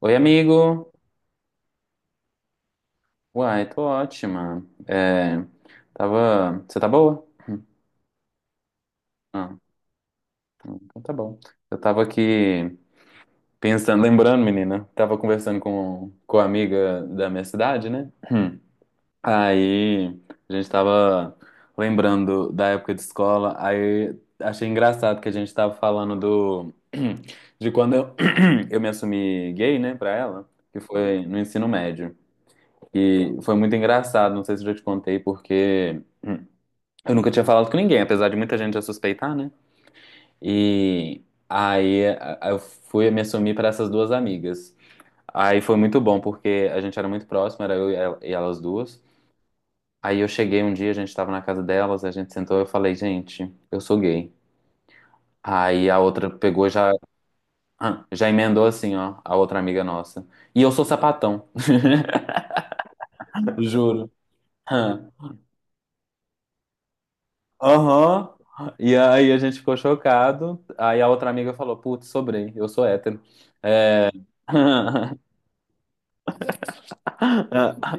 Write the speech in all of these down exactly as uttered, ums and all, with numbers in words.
Oi, amigo. Uai, tô ótima. É, tava. Você tá boa? Hum. Ah, então tá bom. Eu tava aqui pensando, lembrando, menina, tava conversando com, com a amiga da minha cidade, né? Aí a gente tava lembrando da época de escola, aí achei engraçado que a gente tava falando do de quando eu, eu me assumi gay, né, pra ela, que foi no ensino médio. E foi muito engraçado, não sei se eu já te contei, porque hum, Eu nunca tinha falado com ninguém, apesar de muita gente já suspeitar, né? E aí a- a- eu fui me assumir para essas duas amigas. Aí foi muito bom, porque a gente era muito próximo, era eu e el- e elas duas. Aí eu cheguei um dia, a gente estava na casa delas, a gente sentou e eu falei: gente, eu sou gay. Aí a outra pegou e já, ah, já emendou assim, ó, a outra amiga nossa. E eu sou sapatão, juro. Ah. Aham. E aí a gente ficou chocado. Aí a outra amiga falou: putz, sobrei, eu sou hétero.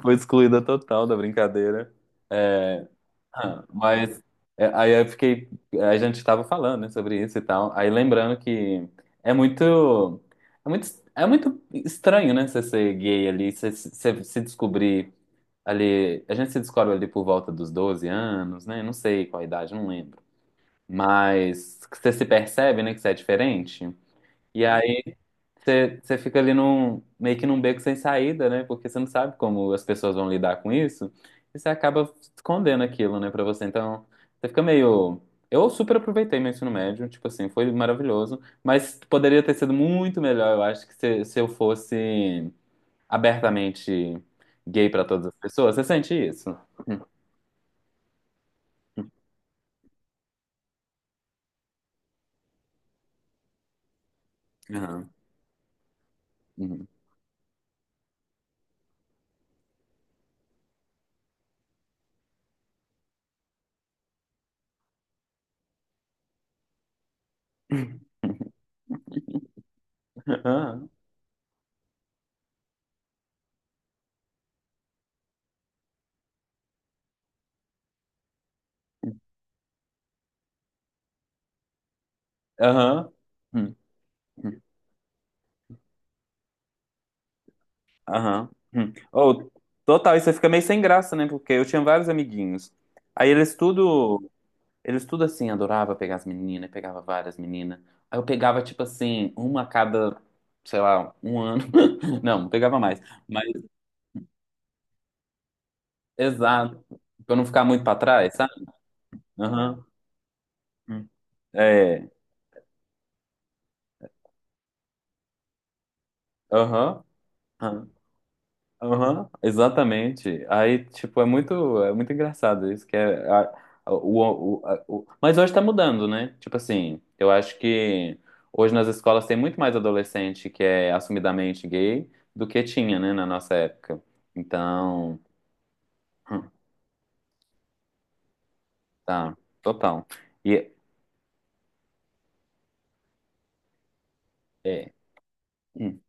Foi excluída total da brincadeira. É, ah, mas é, aí eu fiquei. A gente estava falando, né, sobre isso e tal. Aí lembrando que é muito. É muito, é muito estranho, né? Você ser gay ali, você, você se descobrir ali. A gente se descobre ali por volta dos doze anos, né? Não sei qual a idade, não lembro. Mas que você se percebe, né, que você é diferente. E aí você, você fica ali num, meio que num beco sem saída, né? Porque você não sabe como as pessoas vão lidar com isso. E você acaba escondendo aquilo, né, pra você. Então, você fica meio. Eu super aproveitei meu ensino médio, tipo assim, foi maravilhoso. Mas poderia ter sido muito melhor, eu acho, que se, se eu fosse abertamente gay pra todas as pessoas. Você sente isso? Aham. Uhum. Aham. Aham. Aham. Hum. Ou, total, isso aí fica meio sem graça, né? Porque eu tinha vários amiguinhos. Aí eles tudo, eles tudo assim, adorava pegar as meninas, pegava várias meninas. Aí eu pegava, tipo assim, uma a cada, sei lá, um ano. Não, pegava mais. Mas, exato. Pra eu não ficar muito pra trás, sabe? Aham. Hum. É. Aham. Aham, exatamente. Aí, tipo, é muito, é muito engraçado isso, que é a- a- o, o, a- o- mas hoje tá mudando, né? Tipo assim, eu acho que hoje nas escolas tem muito mais adolescente que é assumidamente gay do que tinha, né, na nossa época. Então, hum, tá, total. E é, hum,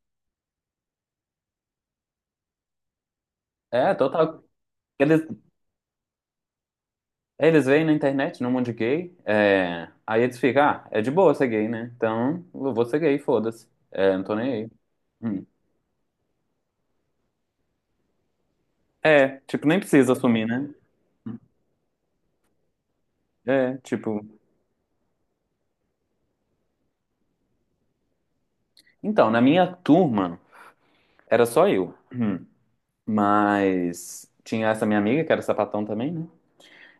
é total. Eles, eles veem na internet, no mundo gay, é, aí eles ficam: ah, é de boa ser gay, né? Então, eu vou ser gay, foda-se. É, não tô nem aí. Hum. É, tipo, nem precisa assumir, né? É, tipo. Então, na minha turma, era só eu. Hum. Mas tinha essa minha amiga, que era sapatão também, né?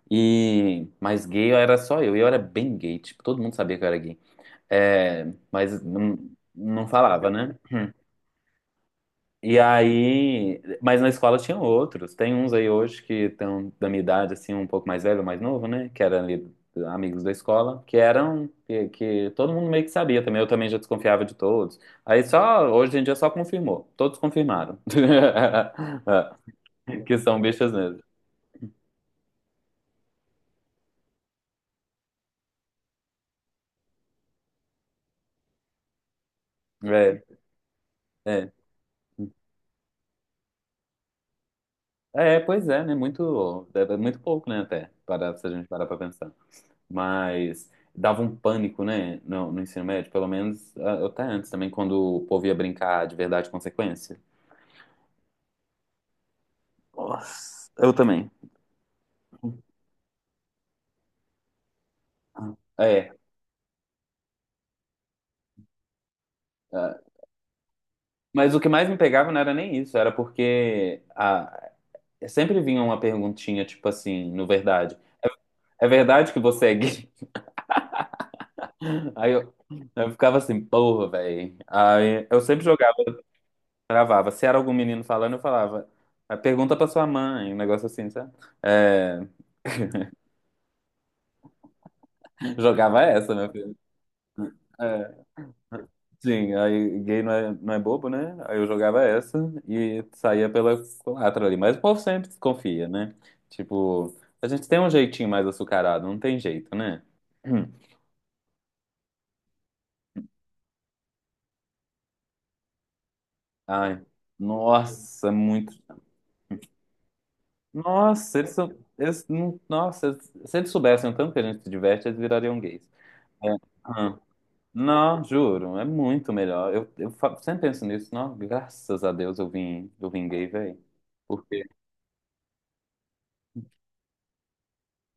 E. Mas gay era só eu. E eu era bem gay, tipo, todo mundo sabia que eu era gay. É, mas não, não falava, né? E aí, mas na escola tinha outros. Tem uns aí hoje que estão da minha idade, assim, um pouco mais velho, mais novo, né? Que eram ali amigos da escola, que eram, que, que todo mundo meio que sabia também. Eu também já desconfiava de todos. Aí só, hoje em dia só confirmou. Todos confirmaram. Que são bichas mesmo. É, é. É, pois é, né? Muito, é é muito pouco, né? Até, para, se a gente parar pra pensar. Mas dava um pânico, né, no, no ensino médio, pelo menos ah, até antes também, quando o povo ia brincar de verdade e consequência. Nossa, eu também. É, ah, mas o que mais me pegava não era nem isso, era porque a sempre vinha uma perguntinha, tipo assim, no verdade. É, é verdade que você é gay? Aí eu, eu ficava assim, porra, velho. Aí eu sempre jogava, gravava. Se era algum menino falando, eu falava: "Ah, pergunta pra sua mãe", um negócio assim, sabe? É. Jogava essa, meu filho. É, sim, aí gay não é, não é bobo, né? Aí eu jogava essa e saía pela culatra ali. Mas o povo sempre desconfia, né? Tipo, a gente tem um jeitinho mais açucarado, não tem jeito, né? Ai, nossa, muito. Nossa, eles são. Eles, não- Nossa, se eles soubessem o tanto que a gente se diverte, eles virariam gays. É, ah, não, juro, é muito melhor. Eu, eu fa- sempre penso nisso, não, graças a Deus eu vim, eu vim, gay, velho. Porque.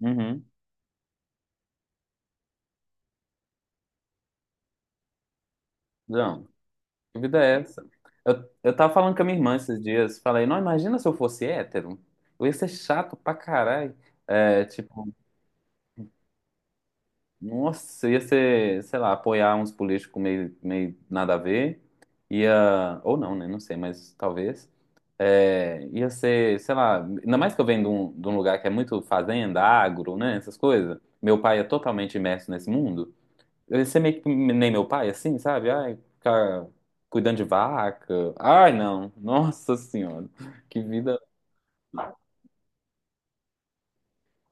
Uhum. Não, que vida é essa? Eu, eu tava falando com a minha irmã esses dias, falei, não, imagina se eu fosse hétero, eu ia ser chato pra caralho. É, tipo, nossa, eu ia ser, sei lá, apoiar uns políticos meio, meio nada a ver, ia, ou não, né, não sei, mas talvez. É, ia ser, sei lá, ainda mais que eu venho de um, de um lugar que é muito fazenda, agro, né, essas coisas, meu pai é totalmente imerso nesse mundo. Ele ser meio que nem meu pai, assim, sabe? Ai, ficar cuidando de vaca. Ai, não. Nossa Senhora. Que vida.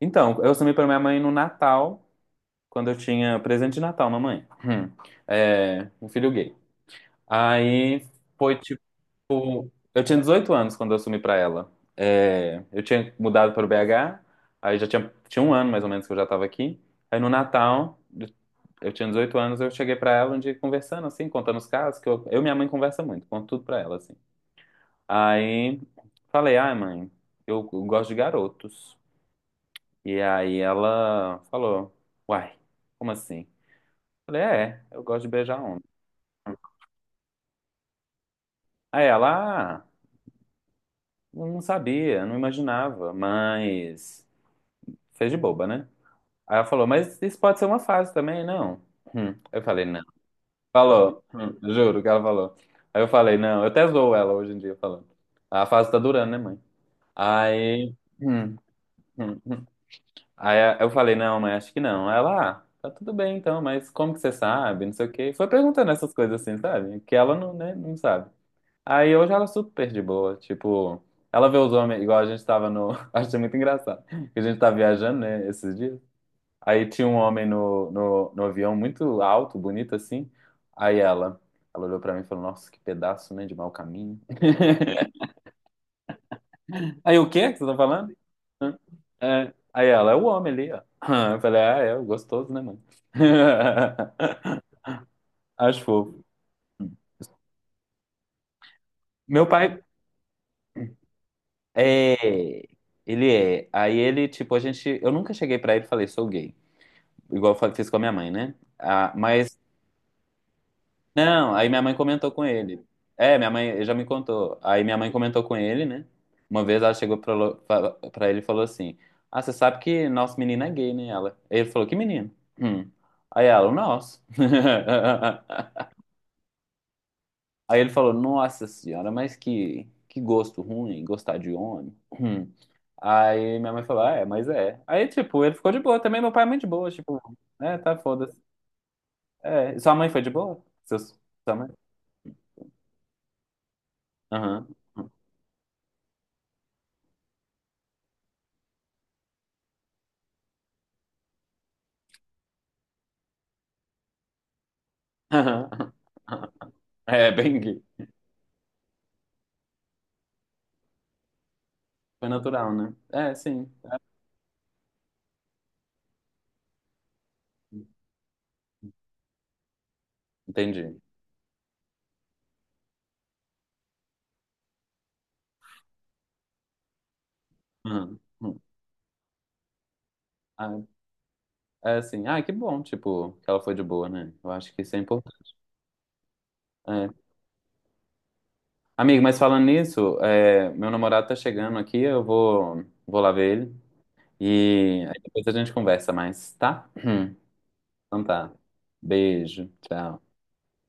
Então, eu assumi para minha mãe no Natal, quando eu tinha presente de Natal, mamãe. Hum. É, um filho gay. Aí foi tipo. Eu tinha dezoito anos quando eu assumi para ela. É, eu tinha mudado para o B H, aí já tinha, tinha um ano mais ou menos que eu já estava aqui. Aí no Natal. Eu tinha dezoito anos, eu cheguei pra ela um dia conversando, assim, contando os casos, que eu, eu e minha mãe conversa muito, conto tudo pra ela, assim. Aí falei: ai, mãe, eu gosto de garotos. E aí ela falou: uai, como assim? Falei: é, eu gosto de beijar homem. Aí ela: ah, eu não sabia, não imaginava, mas fez de boba, né? Aí ela falou: mas isso pode ser uma fase também, não? Hum. Eu falei, falou, Hum, juro que ela falou. Aí eu falei, não, eu até zoo ela hoje em dia falando: a fase tá durando, né, mãe? Aí. Hum, hum. Aí eu falei: não, mãe, acho que não. Aí ela: ah, tá tudo bem então, mas como que você sabe? Não sei o quê. Foi perguntando essas coisas assim, sabe? Que ela não, né, não sabe. Aí hoje ela é super de boa, tipo, ela vê os homens, igual a gente tava no. Achei muito engraçado. Que a gente tá viajando, né, esses dias. Aí tinha um homem no, no, no avião muito alto, bonito assim. Aí ela, ela olhou pra mim e falou: Nossa, que pedaço, né, de mau caminho. Aí o quê que você tá falando? Hã? É. Aí ela: é o homem ali, ó. Eu falei: Ah, é, é gostoso, né, mano? Acho fofo. Meu pai é. Ele é. Aí ele, tipo, a gente. Eu nunca cheguei pra ele e falei: Sou gay. Igual eu fa- fiz com a minha mãe, né? Ah, mas. Não, aí minha mãe comentou com ele. É, minha mãe ele já me contou. Aí minha mãe comentou com ele, né? Uma vez ela chegou pra, lo- fa- pra ele e falou assim: ah, você sabe que nosso menino é gay, né? Ela. Ele falou: que menino? Hum. Aí ela: o nosso. Aí ele falou: Nossa senhora, mas que, que gosto ruim, gostar de homem. Hum. Aí minha mãe falou: "Ah, é, mas é." Aí, tipo, ele ficou de boa também. Meu pai é muito de boa, tipo, é, tá foda-se. É. Sua mãe foi de boa? Seus, sua mãe? Aham. É, bem gay. Foi natural, né? É, sim. Entendi. Uhum. Uhum. Ah, é assim, ah, que bom, tipo, que ela foi de boa, né? Eu acho que isso é importante. É. Amigo, mas falando nisso, é, meu namorado tá chegando aqui, eu vou, vou lá ver ele e aí depois a gente conversa mais, tá? Então tá. Beijo, tchau.